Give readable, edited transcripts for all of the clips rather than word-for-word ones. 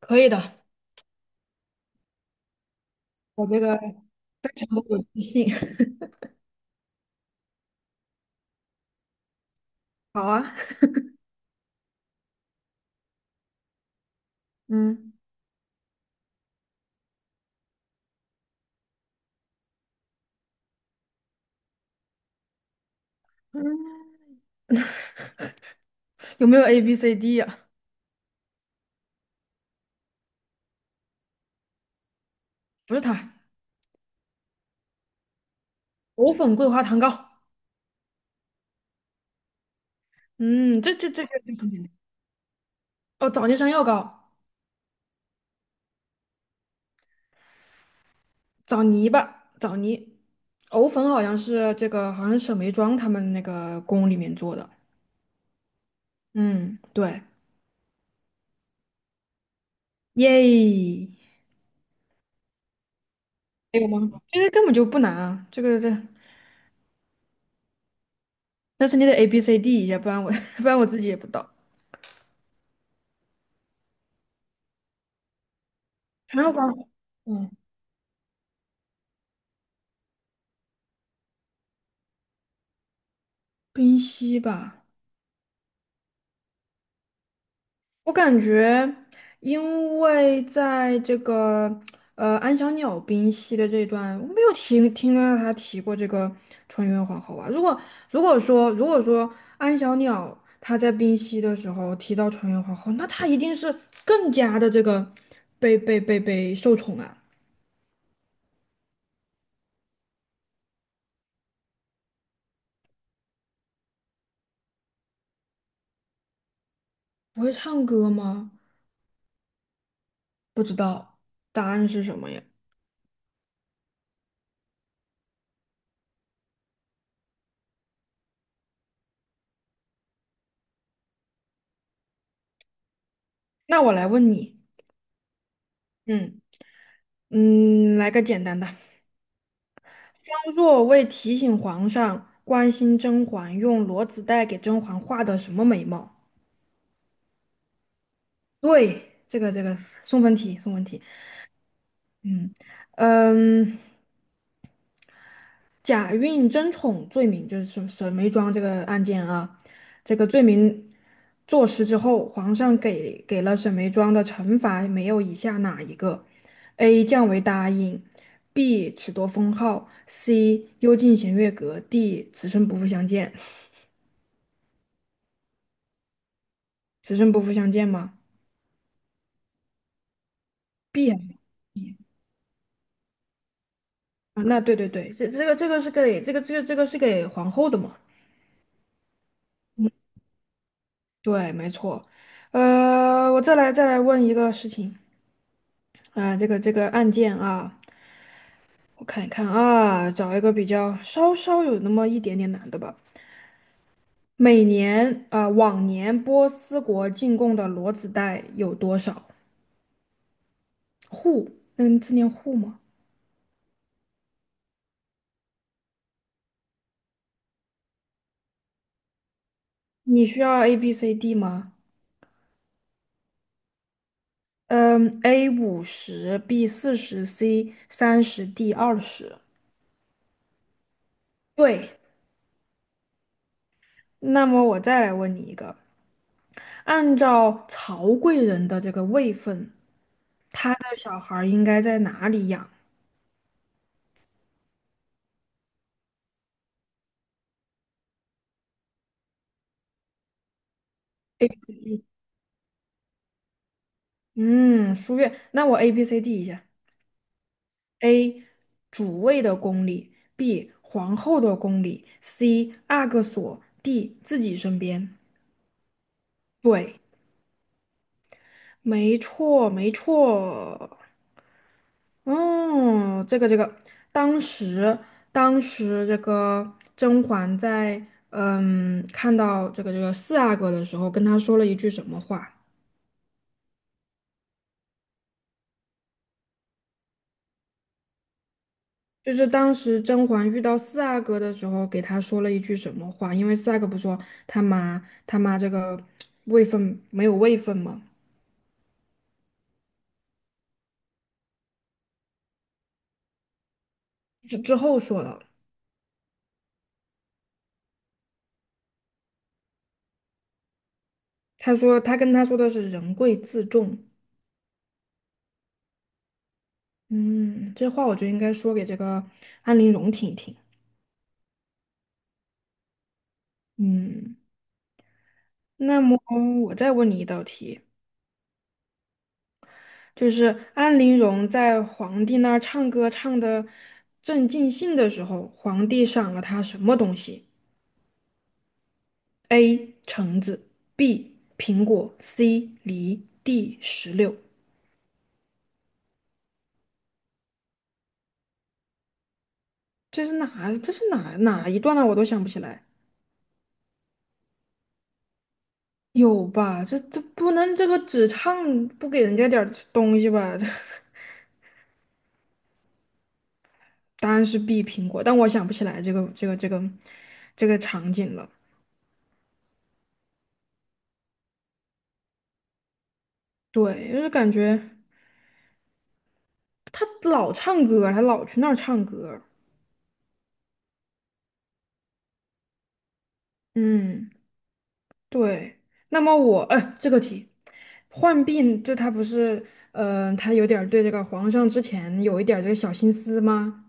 可以的，我这个非常的有自信。好啊，嗯，有没有 A B C D 呀、不是它，藕粉桂花糖糕。嗯，这个很简单。哦，枣泥山药糕，枣泥吧，枣泥。藕粉好像是这个，好像是沈眉庄他们那个宫里面做的。嗯，对，耶，还有吗？这个根本就不难啊，这个这，但是你得 A B C D 一下，不然我 不然我自己也不到。还有吧，嗯，冰溪吧，我感觉，因为在这个安小鸟冰溪的这一段，我没有听到他提过这个纯元皇后啊。如果如果说安小鸟她在冰溪的时候提到纯元皇后，那她一定是更加的这个被受宠啊。不会唱歌吗？不知道，答案是什么呀？那我来问你，嗯嗯，来个简单的。当若为提醒皇上关心甄嬛，用裸子带给甄嬛画的什么眉毛？对，这个这个送分题，送分题。嗯嗯，假孕争宠罪名就是沈眉庄这个案件啊，这个罪名坐实之后，皇上给了沈眉庄的惩罚没有以下哪一个？A. 降为答应，B. 褫夺封号，C. 幽禁衔月阁，D. 此生不复相见。此生不复相见吗？变眼睛啊，那对，这这个这个是给这个这个这个是给皇后的嘛？对，没错。我再来问一个事情啊，这个这个案件啊，我看一看啊，找一个比较稍稍有那么一点点难的吧。每年啊，往年波斯国进贡的骡子带有多少户？嗯，字念户吗？你需要 A B C D 吗？嗯，A 50，B 40，C 30，D 20。对，那么我再来问你一个，按照曹贵人的这个位分，他的小孩儿应该在哪里养？嗯，书院。那我 A B C D 一下：A 主位的宫里，B 皇后的宫里，C 阿哥所，D 自己身边。对，没错，没错。哦，这个这个，当时当时这个甄嬛在看到这个这个四阿哥的时候，跟他说了一句什么话？就是当时甄嬛遇到四阿哥的时候，给他说了一句什么话？因为四阿哥不是说他妈这个位分没有位分嘛，之后说了，他说他跟他说的是人贵自重，嗯，这话我觉得应该说给这个安陵容听一听，嗯。那么我再问你一道题，就是安陵容在皇帝那儿唱歌唱的正尽兴的时候，皇帝赏了她什么东西？A. 橙子，B. 苹果，C. 梨，D. 石榴。这是哪？这是哪一段呢、我都想不起来。有吧？这这不能这个只唱不给人家点儿东西吧？答案是 B. 苹果，但我想不起来这个这个这个这个场景了。对，就是感觉。老唱歌，他老去那儿唱歌。嗯，对。那么我，这个题，浣碧就他不是，他有点儿对这个皇上之前有一点儿这个小心思吗？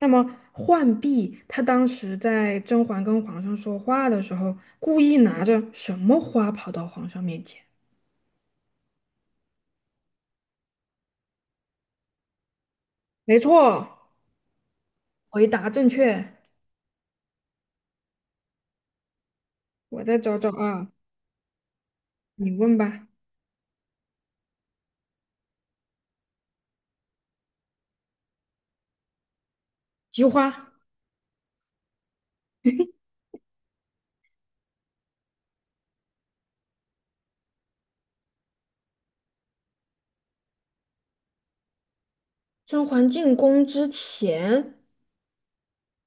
那么浣碧他当时在甄嬛跟皇上说话的时候，故意拿着什么花跑到皇上面前？没错，回答正确。我再找找啊，你问吧。菊花，甄嬛进宫之前。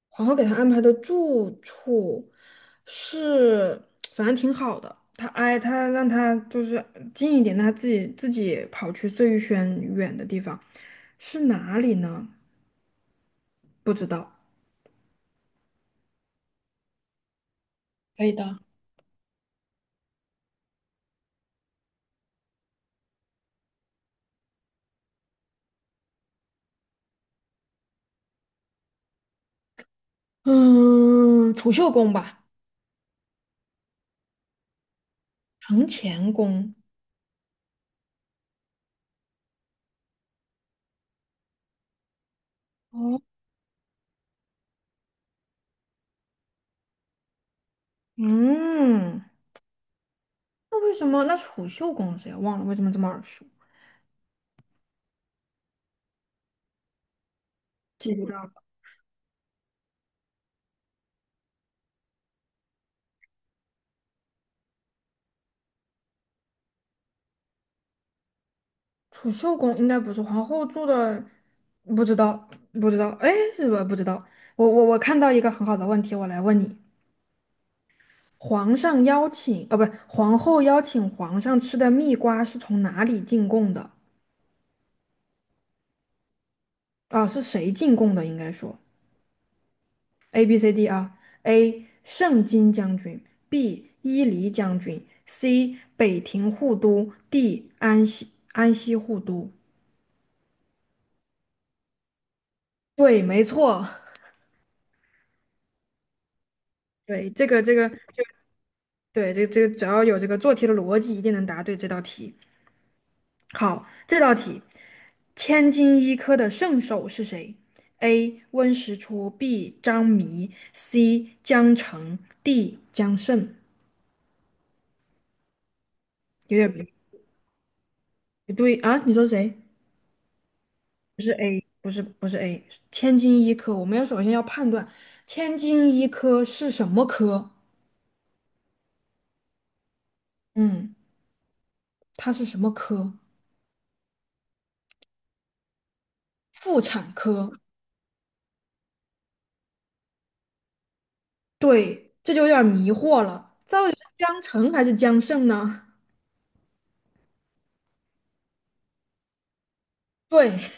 皇后给他安排的住处是，反正挺好的。他哎，他让他就是近一点，他自己跑去碎玉轩远的地方，是哪里呢？不知道。可以的。嗯，储秀宫吧，承乾宫。哦，嗯，那为什么？那储秀宫是谁忘了？为什么这么耳熟？记不到。储秀宫应该不是皇后住的，不知道，不知道，哎，是吧？不知道。我看到一个很好的问题，我来问你：皇上邀请，啊，不，皇后邀请皇上吃的蜜瓜是从哪里进贡的？啊，是谁进贡的？应该说 A B C D 啊，A 盛京将军，B 伊犁将军，C 北庭护都，D 安西护都。对，没错。对，这个这个对，这这只要有这个做题的逻辑，一定能答对这道题。好，这道题，千金一科的圣手是谁？A. 温实初，B. 张弥，C. 江澄，D. 江胜。有点不对啊？你说谁？不是 A，不是 A，千金一科。我们要首先要判断千金一科是什么科？嗯，它是什么科？妇产科。对，这就有点迷惑了，到底是江澄还是江胜呢？对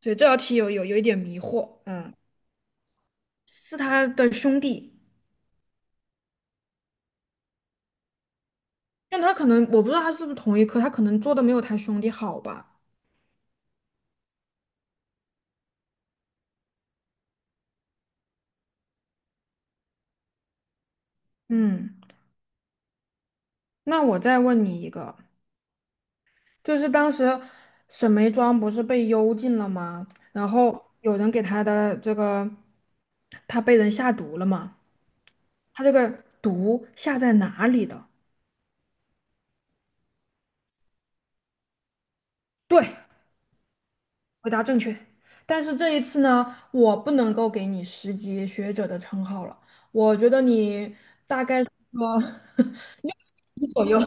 对，这道题有一点迷惑，嗯，是他的兄弟，但他可能我不知道他是不是同一科，他可能做的没有他兄弟好吧。嗯，那我再问你一个，就是当时沈眉庄不是被幽禁了吗？然后有人给他的这个，他被人下毒了吗？他这个毒下在哪里的？对，回答正确，但是这一次呢，我不能够给你10级学者的称号了。我觉得你大概个 六七级左右，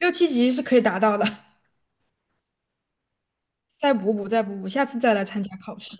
六七级是可以达到的。再补补，再补补，下次再来参加考试。